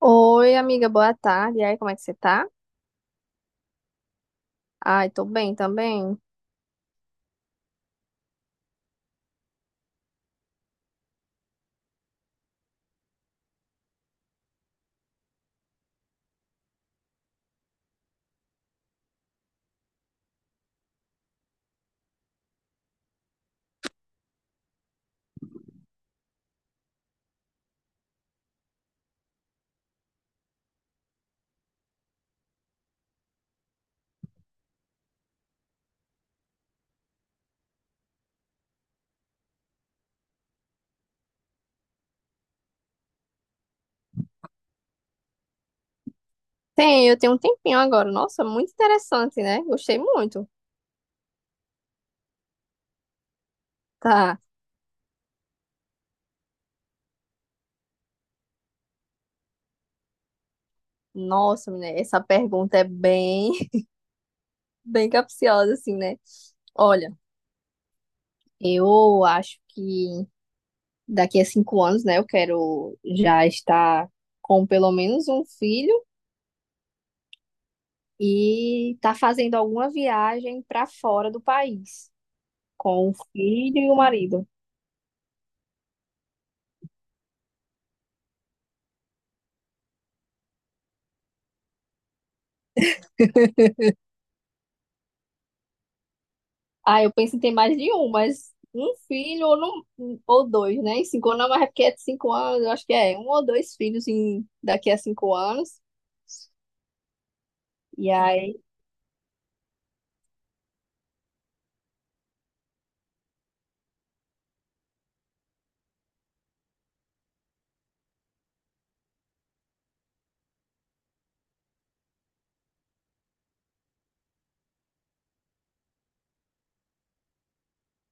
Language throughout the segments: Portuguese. Oi, amiga, boa tarde. E aí, como é que você tá? Ai, tô bem também. Tem, eu tenho um tempinho agora. Nossa, muito interessante, né? Gostei muito. Tá. Nossa, menina, essa pergunta é bem, bem capciosa, assim, né? Olha, eu acho que daqui a 5 anos, né, eu quero já estar com pelo menos um filho e tá fazendo alguma viagem pra fora do país com o filho e o marido. Ah, eu penso em ter mais de um, mas um filho ou, não, ou dois, né? Em 5 anos, mas é porque é de 5 anos, eu acho que é um ou dois filhos em, daqui a 5 anos. E aí,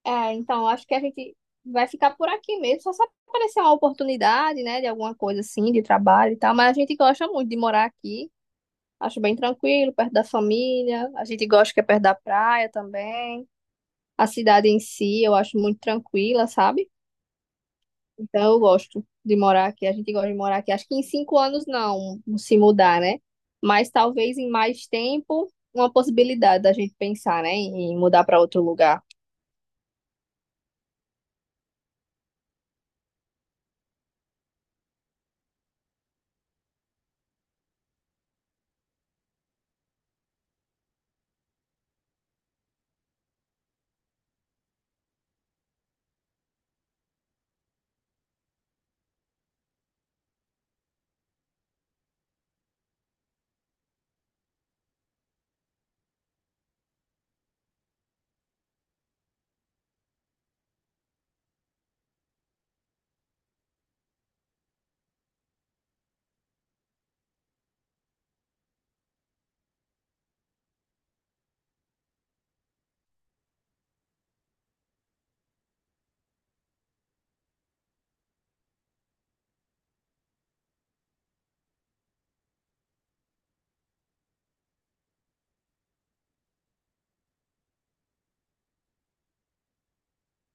é, então, acho que a gente vai ficar por aqui mesmo, só se aparecer uma oportunidade, né, de alguma coisa assim, de trabalho e tal, mas a gente gosta muito de morar aqui. Acho bem tranquilo, perto da família. A gente gosta que é perto da praia também. A cidade em si, eu acho muito tranquila, sabe? Então eu gosto de morar aqui. A gente gosta de morar aqui. Acho que em 5 anos não se mudar, né? Mas talvez em mais tempo, uma possibilidade da gente pensar, né? Em mudar para outro lugar.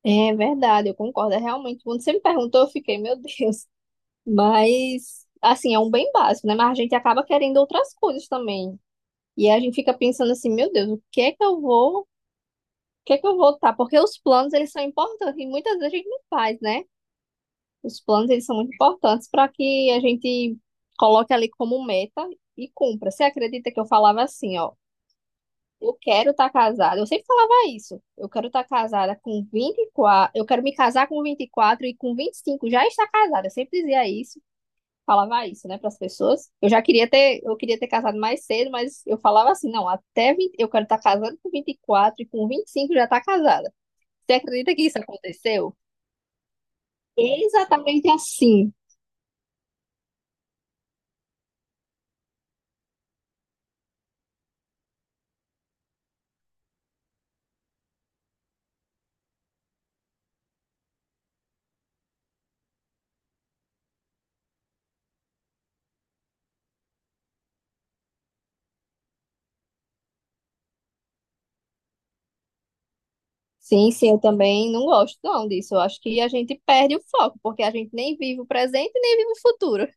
É verdade, eu concordo. É realmente. Quando você me perguntou, eu fiquei, meu Deus. Mas, assim, é um bem básico, né? Mas a gente acaba querendo outras coisas também. E a gente fica pensando assim, meu Deus, o que é que eu vou. O que é que eu vou tá. Porque os planos, eles são importantes e muitas vezes a gente não faz, né? Os planos, eles são muito importantes para que a gente coloque ali como meta e cumpra. Você acredita que eu falava assim, ó, eu quero estar casada. Eu sempre falava isso. Eu quero estar casada com 24. Eu quero me casar com 24 e com 25 já estar casada. Eu sempre dizia isso, falava isso, né, para as pessoas. Eu já queria ter, eu queria ter casado mais cedo, mas eu falava assim, não, até 20, eu quero estar casada com 20 e quatro e com 25 já estar casada. Você acredita que isso aconteceu? Exatamente assim. Sim, sim, eu também não gosto não disso. Eu acho que a gente perde o foco, porque a gente nem vive o presente, nem vive o futuro.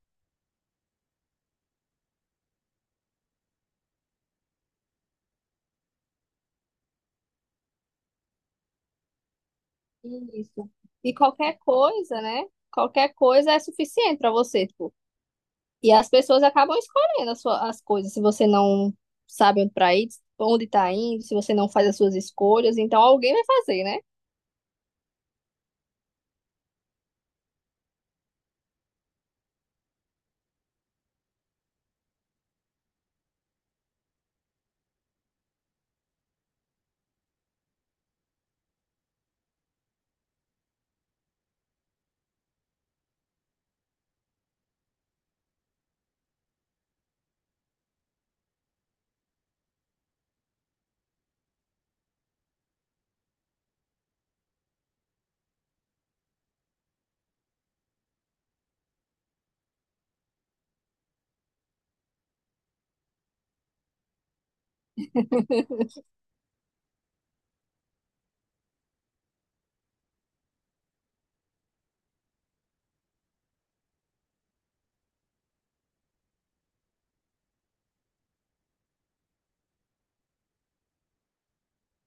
Isso. E qualquer coisa, né? Qualquer coisa é suficiente para você, tipo. E as pessoas acabam escolhendo as coisas, se você não sabe onde tá indo, se você não faz as suas escolhas, então alguém vai fazer, né?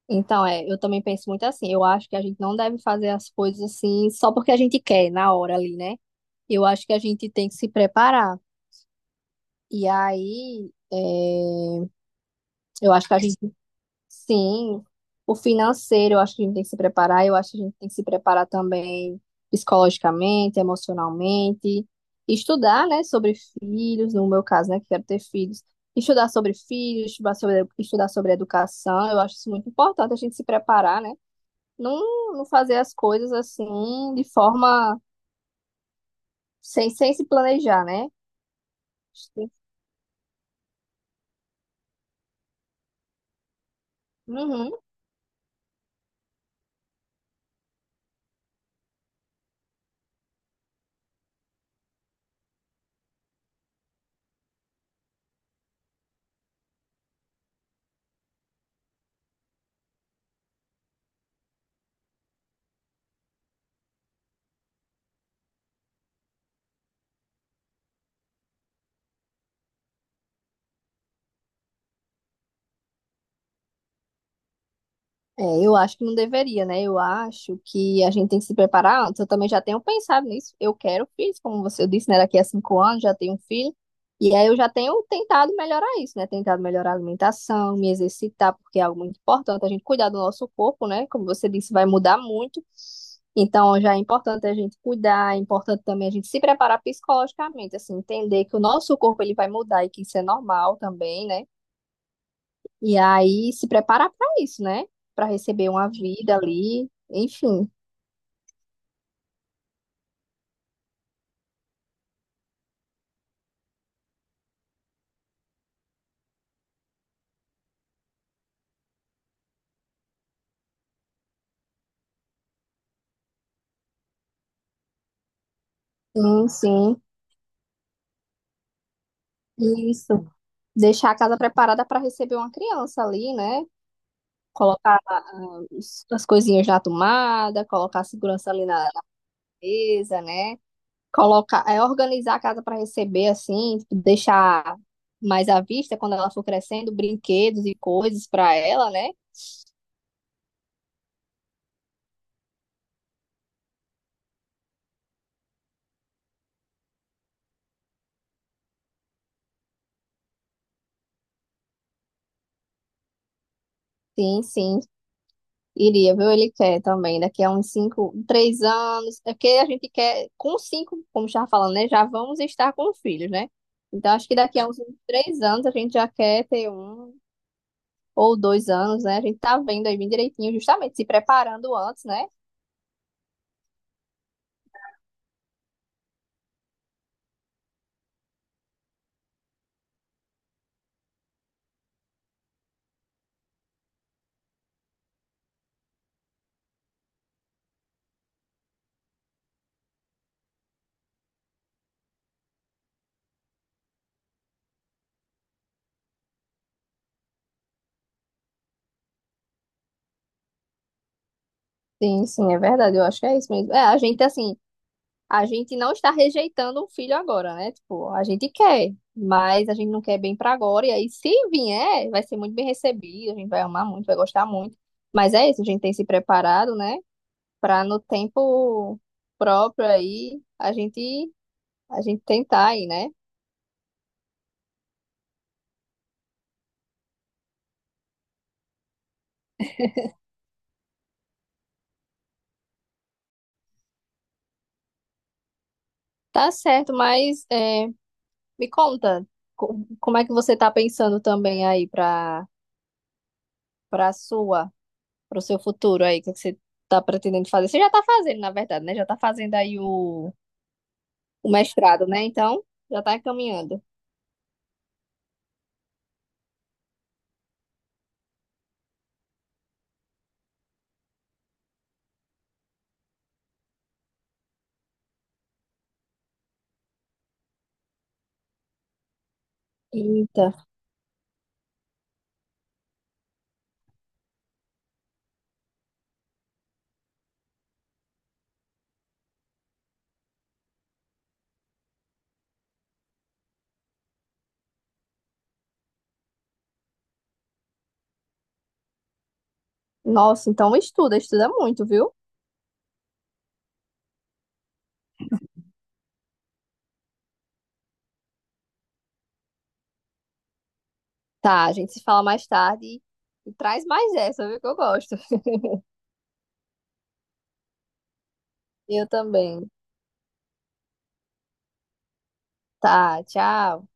Então, é, eu também penso muito assim. Eu acho que a gente não deve fazer as coisas assim só porque a gente quer na hora ali, né? Eu acho que a gente tem que se preparar. E aí. Eu acho que a gente, sim, o financeiro, eu acho que a gente tem que se preparar, eu acho que a gente tem que se preparar também psicologicamente, emocionalmente, estudar, né, sobre filhos, no meu caso, né, que quero ter filhos, estudar sobre filhos, estudar sobre educação, eu acho isso muito importante, a gente se preparar, né, não, não fazer as coisas assim, de forma, sem se planejar, né? Uhum. É, eu acho que não deveria, né? Eu acho que a gente tem que se preparar antes. Eu também já tenho pensado nisso. Eu quero filhos, como você disse, né? Daqui a cinco anos já tenho um filho. E aí eu já tenho tentado melhorar isso, né? Tentado melhorar a alimentação, me exercitar, porque é algo muito importante. A gente cuidar do nosso corpo, né? Como você disse, vai mudar muito. Então já é importante a gente cuidar, é importante também a gente se preparar psicologicamente, assim, entender que o nosso corpo ele vai mudar e que isso é normal também, né? E aí se preparar para isso, né? Para receber uma vida ali, enfim. Sim, sim. Isso. Deixar a casa preparada para receber uma criança ali, né? Colocar as coisinhas na tomada, colocar a segurança ali na mesa, né? Colocar, é organizar a casa para receber assim, tipo, deixar mais à vista quando ela for crescendo, brinquedos e coisas para ela, né? Sim, sim. Iria, viu? Ele quer também, daqui a uns 5, 3 anos. É porque a gente quer, com cinco, como já falando, né? Já vamos estar com filhos, né? Então, acho que daqui a uns 3 anos a gente já quer ter 1 ou 2 anos, né? A gente tá vendo aí bem direitinho, justamente se preparando antes, né? Sim, sim, é verdade. Eu acho que é isso mesmo. É, a gente, assim. A gente não está rejeitando o filho agora, né? Tipo, a gente quer, mas a gente não quer bem para agora. E aí, se vier, vai ser muito bem recebido, a gente vai amar muito, vai gostar muito. Mas é isso, a gente tem se preparado, né? Para no tempo próprio aí, a gente tentar aí, né? Tá certo, mas é, me conta, co- como é que você tá pensando também aí para sua, para o seu futuro aí? O que é que você tá pretendendo fazer? Você já tá fazendo, na verdade, né? Já tá fazendo aí o mestrado, né? Então, já tá encaminhando. Eita. Nossa, então estuda, estuda muito, viu? Tá, a gente se fala mais tarde e traz mais essa, viu? Que eu gosto. Eu também. Tá, tchau.